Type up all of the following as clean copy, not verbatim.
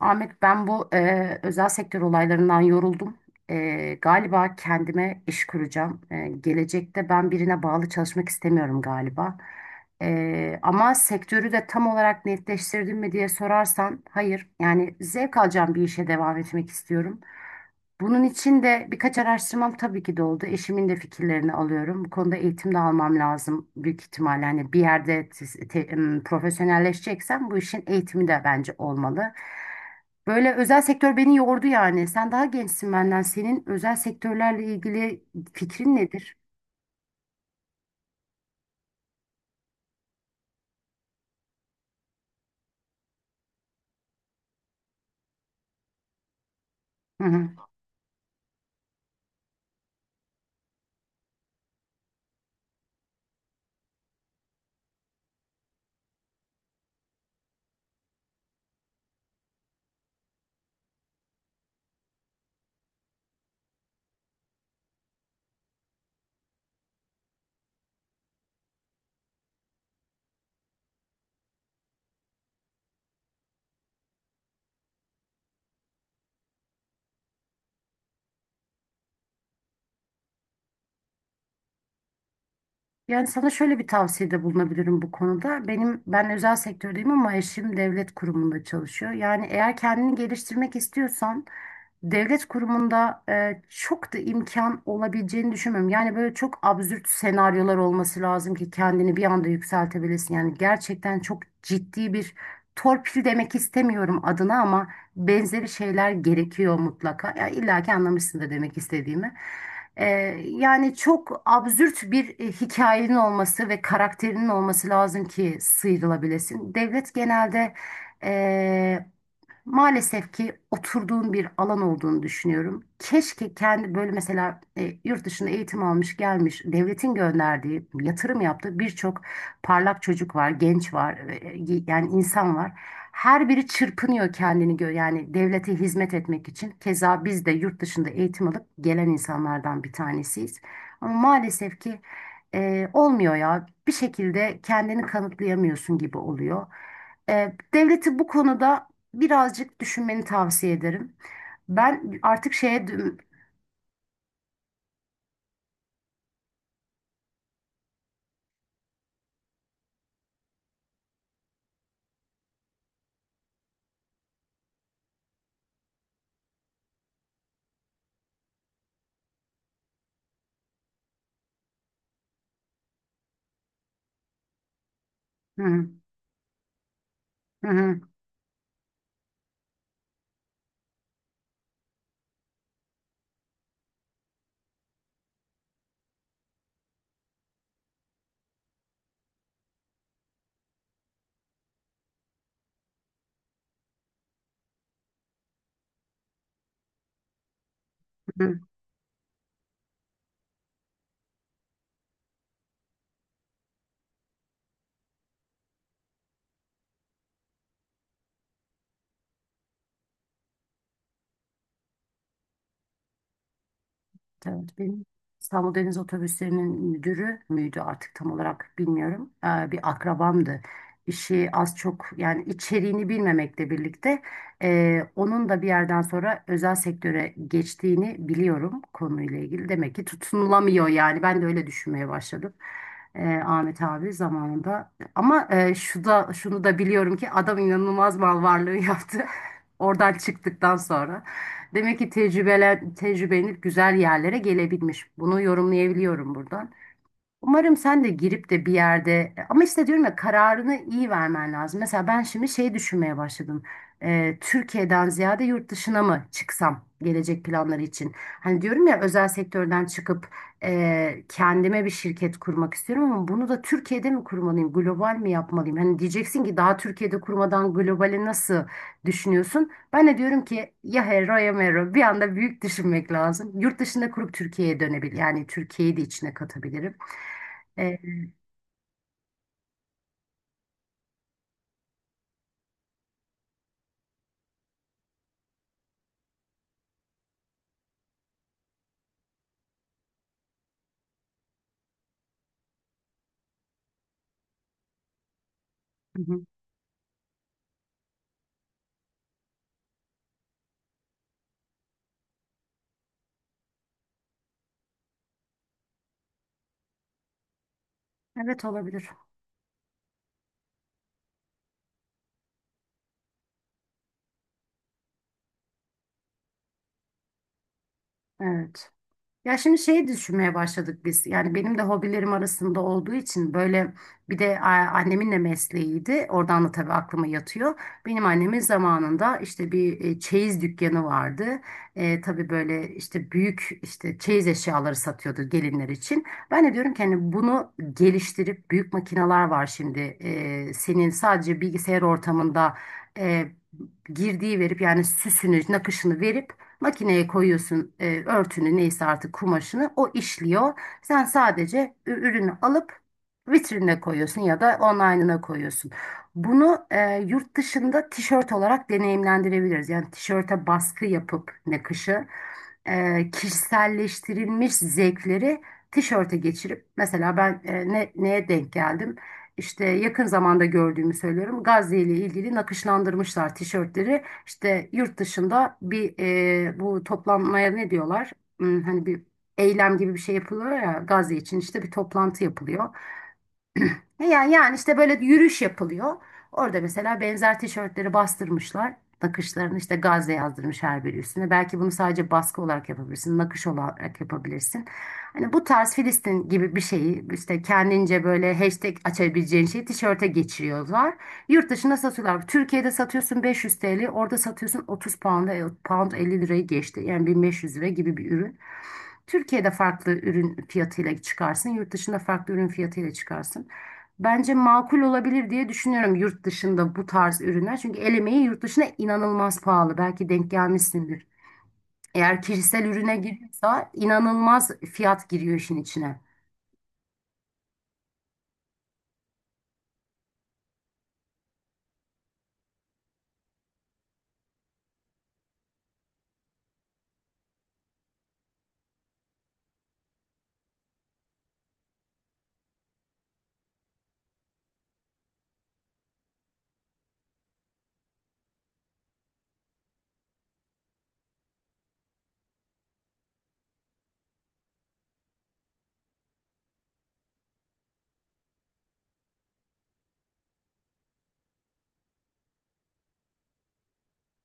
Ahmet, ben bu özel sektör olaylarından yoruldum. Galiba kendime iş kuracağım. Gelecekte ben birine bağlı çalışmak istemiyorum galiba. Ama sektörü de tam olarak netleştirdim mi diye sorarsan hayır. Yani zevk alacağım bir işe devam etmek istiyorum. Bunun için de birkaç araştırmam tabii ki de oldu. Eşimin de fikirlerini alıyorum. Bu konuda eğitim de almam lazım büyük ihtimalle. Hani bir yerde profesyonelleşeceksem bu işin eğitimi de bence olmalı. Böyle özel sektör beni yordu yani. Sen daha gençsin benden. Senin özel sektörlerle ilgili fikrin nedir? Hı hı. Yani sana şöyle bir tavsiyede bulunabilirim bu konuda. Ben özel sektördeyim ama eşim devlet kurumunda çalışıyor. Yani eğer kendini geliştirmek istiyorsan devlet kurumunda çok da imkan olabileceğini düşünmüyorum. Yani böyle çok absürt senaryolar olması lazım ki kendini bir anda yükseltebilesin. Yani gerçekten çok ciddi bir torpil demek istemiyorum adına ama benzeri şeyler gerekiyor mutlaka. Ya illa ki anlamışsındır demek istediğimi. E, Yani çok absürt bir hikayenin olması ve karakterinin olması lazım ki sıyrılabilesin. Devlet genelde e, maalesef ki oturduğun bir alan olduğunu düşünüyorum. Keşke kendi böyle mesela yurt dışında eğitim almış gelmiş devletin gönderdiği yatırım yaptığı birçok parlak çocuk var, genç var, yani insan var. Her biri çırpınıyor kendini yani devlete hizmet etmek için. Keza biz de yurt dışında eğitim alıp gelen insanlardan bir tanesiyiz. Ama maalesef ki olmuyor ya, bir şekilde kendini kanıtlayamıyorsun gibi oluyor. Devleti bu konuda birazcık düşünmeni tavsiye ederim. Ben artık şeye dön-. Hı, hı, hı. Evet, benim İstanbul Deniz Otobüsleri'nin müdürü müydü artık tam olarak bilmiyorum. Bir akrabamdı. İşi az çok, yani içeriğini bilmemekle birlikte, onun da bir yerden sonra özel sektöre geçtiğini biliyorum konuyla ilgili. Demek ki tutunulamıyor, yani ben de öyle düşünmeye başladım. Ahmet abi zamanında, ama şu da, şunu da biliyorum ki, adam inanılmaz mal varlığı yaptı. Oradan çıktıktan sonra. Demek ki tecrübelenip güzel yerlere gelebilmiş. Bunu yorumlayabiliyorum buradan. Umarım sen de girip de bir yerde, ama işte diyorum ya, kararını iyi vermen lazım. Mesela ben şimdi şey düşünmeye başladım. Türkiye'den ziyade yurt dışına mı çıksam gelecek planları için? Hani diyorum ya, özel sektörden çıkıp kendime bir şirket kurmak istiyorum, ama bunu da Türkiye'de mi kurmalıyım, global mi yapmalıyım? Hani diyeceksin ki daha Türkiye'de kurmadan globali nasıl düşünüyorsun? Ben de diyorum ki, ya hero ya mero, bir anda büyük düşünmek lazım. Yurt dışında kurup Türkiye'ye dönebilir, yani Türkiye'yi de içine katabilirim. E, hı hı. Evet, olabilir. Evet. Ya şimdi şeyi düşünmeye başladık biz. Yani benim de hobilerim arasında olduğu için böyle, bir de annemin de mesleğiydi. Oradan da tabii aklıma yatıyor. Benim annemin zamanında işte bir çeyiz dükkanı vardı. Tabii böyle işte büyük, işte çeyiz eşyaları satıyordu gelinler için. Ben de diyorum ki, hani bunu geliştirip büyük makineler var şimdi. Senin sadece bilgisayar ortamında e, girdiği verip, yani süsünü, nakışını verip makineye koyuyorsun, örtünü neyse artık, kumaşını o işliyor. Sen sadece ürünü alıp vitrinine koyuyorsun ya da online'ına koyuyorsun. Bunu yurt dışında tişört olarak deneyimlendirebiliriz. Yani tişörte baskı yapıp, nakışı kişiselleştirilmiş zevkleri tişörte geçirip, mesela ben neye denk geldim? İşte yakın zamanda gördüğümü söylüyorum. Gazze ile ilgili nakışlandırmışlar tişörtleri. İşte yurt dışında bir bu toplanmaya ne diyorlar? Hani bir eylem gibi bir şey yapılıyor ya, Gazze için işte bir toplantı yapılıyor. Yani işte böyle yürüyüş yapılıyor. Orada mesela benzer tişörtleri bastırmışlar. Nakışlarını işte Gazze yazdırmış her biri üstüne. Belki bunu sadece baskı olarak yapabilirsin, nakış olarak yapabilirsin. Hani bu tarz Filistin gibi bir şeyi, işte kendince böyle hashtag açabileceğin şeyi tişörte geçiriyorlar. Yurt dışında satıyorlar. Türkiye'de satıyorsun 500 TL, orada satıyorsun 30 pound'a, pound 50 lirayı geçti. Yani 1500 lira gibi bir ürün. Türkiye'de farklı ürün fiyatıyla çıkarsın, yurt dışında farklı ürün fiyatıyla çıkarsın. Bence makul olabilir diye düşünüyorum yurt dışında bu tarz ürünler. Çünkü el emeği yurt dışında inanılmaz pahalı. Belki denk gelmişsindir. Eğer kişisel ürüne giriyorsa inanılmaz fiyat giriyor işin içine.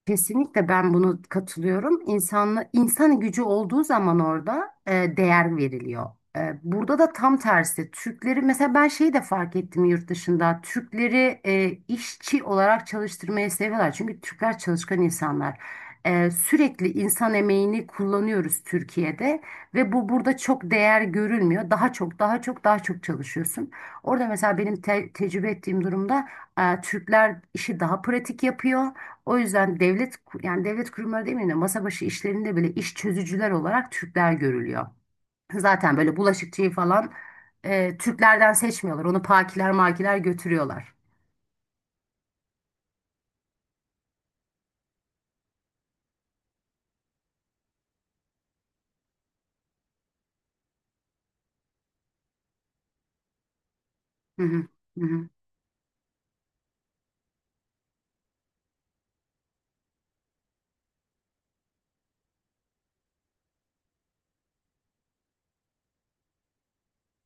Kesinlikle ben bunu katılıyorum. İnsanla, insan gücü olduğu zaman orada değer veriliyor. Burada da tam tersi. Türkleri mesela, ben şeyi de fark ettim yurt dışında. Türkleri işçi olarak çalıştırmayı seviyorlar. Çünkü Türkler çalışkan insanlar. Sürekli insan emeğini kullanıyoruz Türkiye'de, ve bu burada çok değer görülmüyor. Daha çok, daha çok, daha çok çalışıyorsun. Orada mesela benim tecrübe ettiğim durumda Türkler işi daha pratik yapıyor. O yüzden devlet, yani devlet kurumları demeyeyim de, masa başı işlerinde bile iş çözücüler olarak Türkler görülüyor. Zaten böyle bulaşıkçıyı falan Türklerden seçmiyorlar. Onu pakiler makiler götürüyorlar. Hı hı. Hı hı.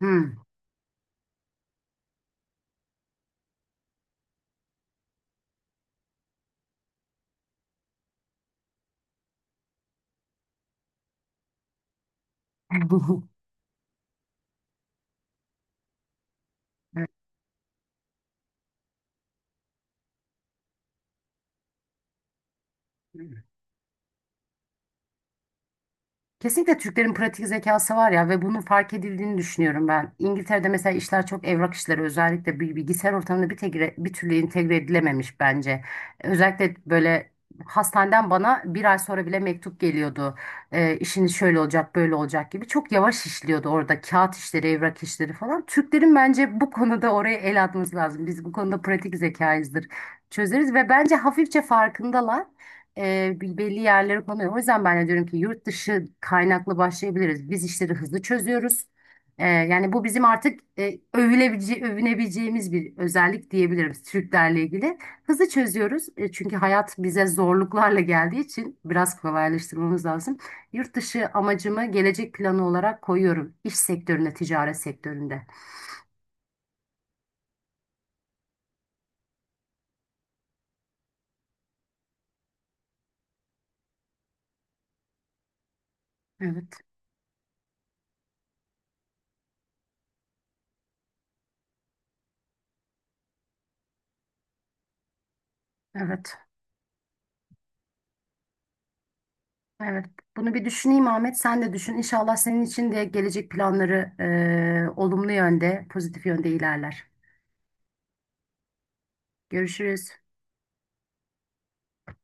Hı. Evet. Kesinlikle Türklerin pratik zekası var ya, ve bunun fark edildiğini düşünüyorum ben. İngiltere'de mesela işler, çok evrak işleri özellikle, bilgisayar ortamında bir türlü entegre edilememiş bence. Özellikle böyle hastaneden bana bir ay sonra bile mektup geliyordu. İşiniz şöyle olacak, böyle olacak gibi, çok yavaş işliyordu orada kağıt işleri, evrak işleri falan. Türklerin bence bu konuda oraya el atması lazım. Biz bu konuda pratik zekayızdır, çözeriz, ve bence hafifçe farkındalar, belli yerlere konuyor. O yüzden ben de diyorum ki, yurt dışı kaynaklı başlayabiliriz. Biz işleri hızlı çözüyoruz. Yani bu bizim artık, övünebileceğimiz bir özellik diyebiliriz Türklerle ilgili. Hızlı çözüyoruz. Çünkü hayat bize zorluklarla geldiği için, biraz kolaylaştırmamız lazım. Yurt dışı amacımı gelecek planı olarak koyuyorum. İş sektöründe, ticaret sektöründe. Evet, evet. Evet, bunu bir düşüneyim Ahmet. Sen de düşün. İnşallah senin için de gelecek planları olumlu yönde, pozitif yönde ilerler. Görüşürüz.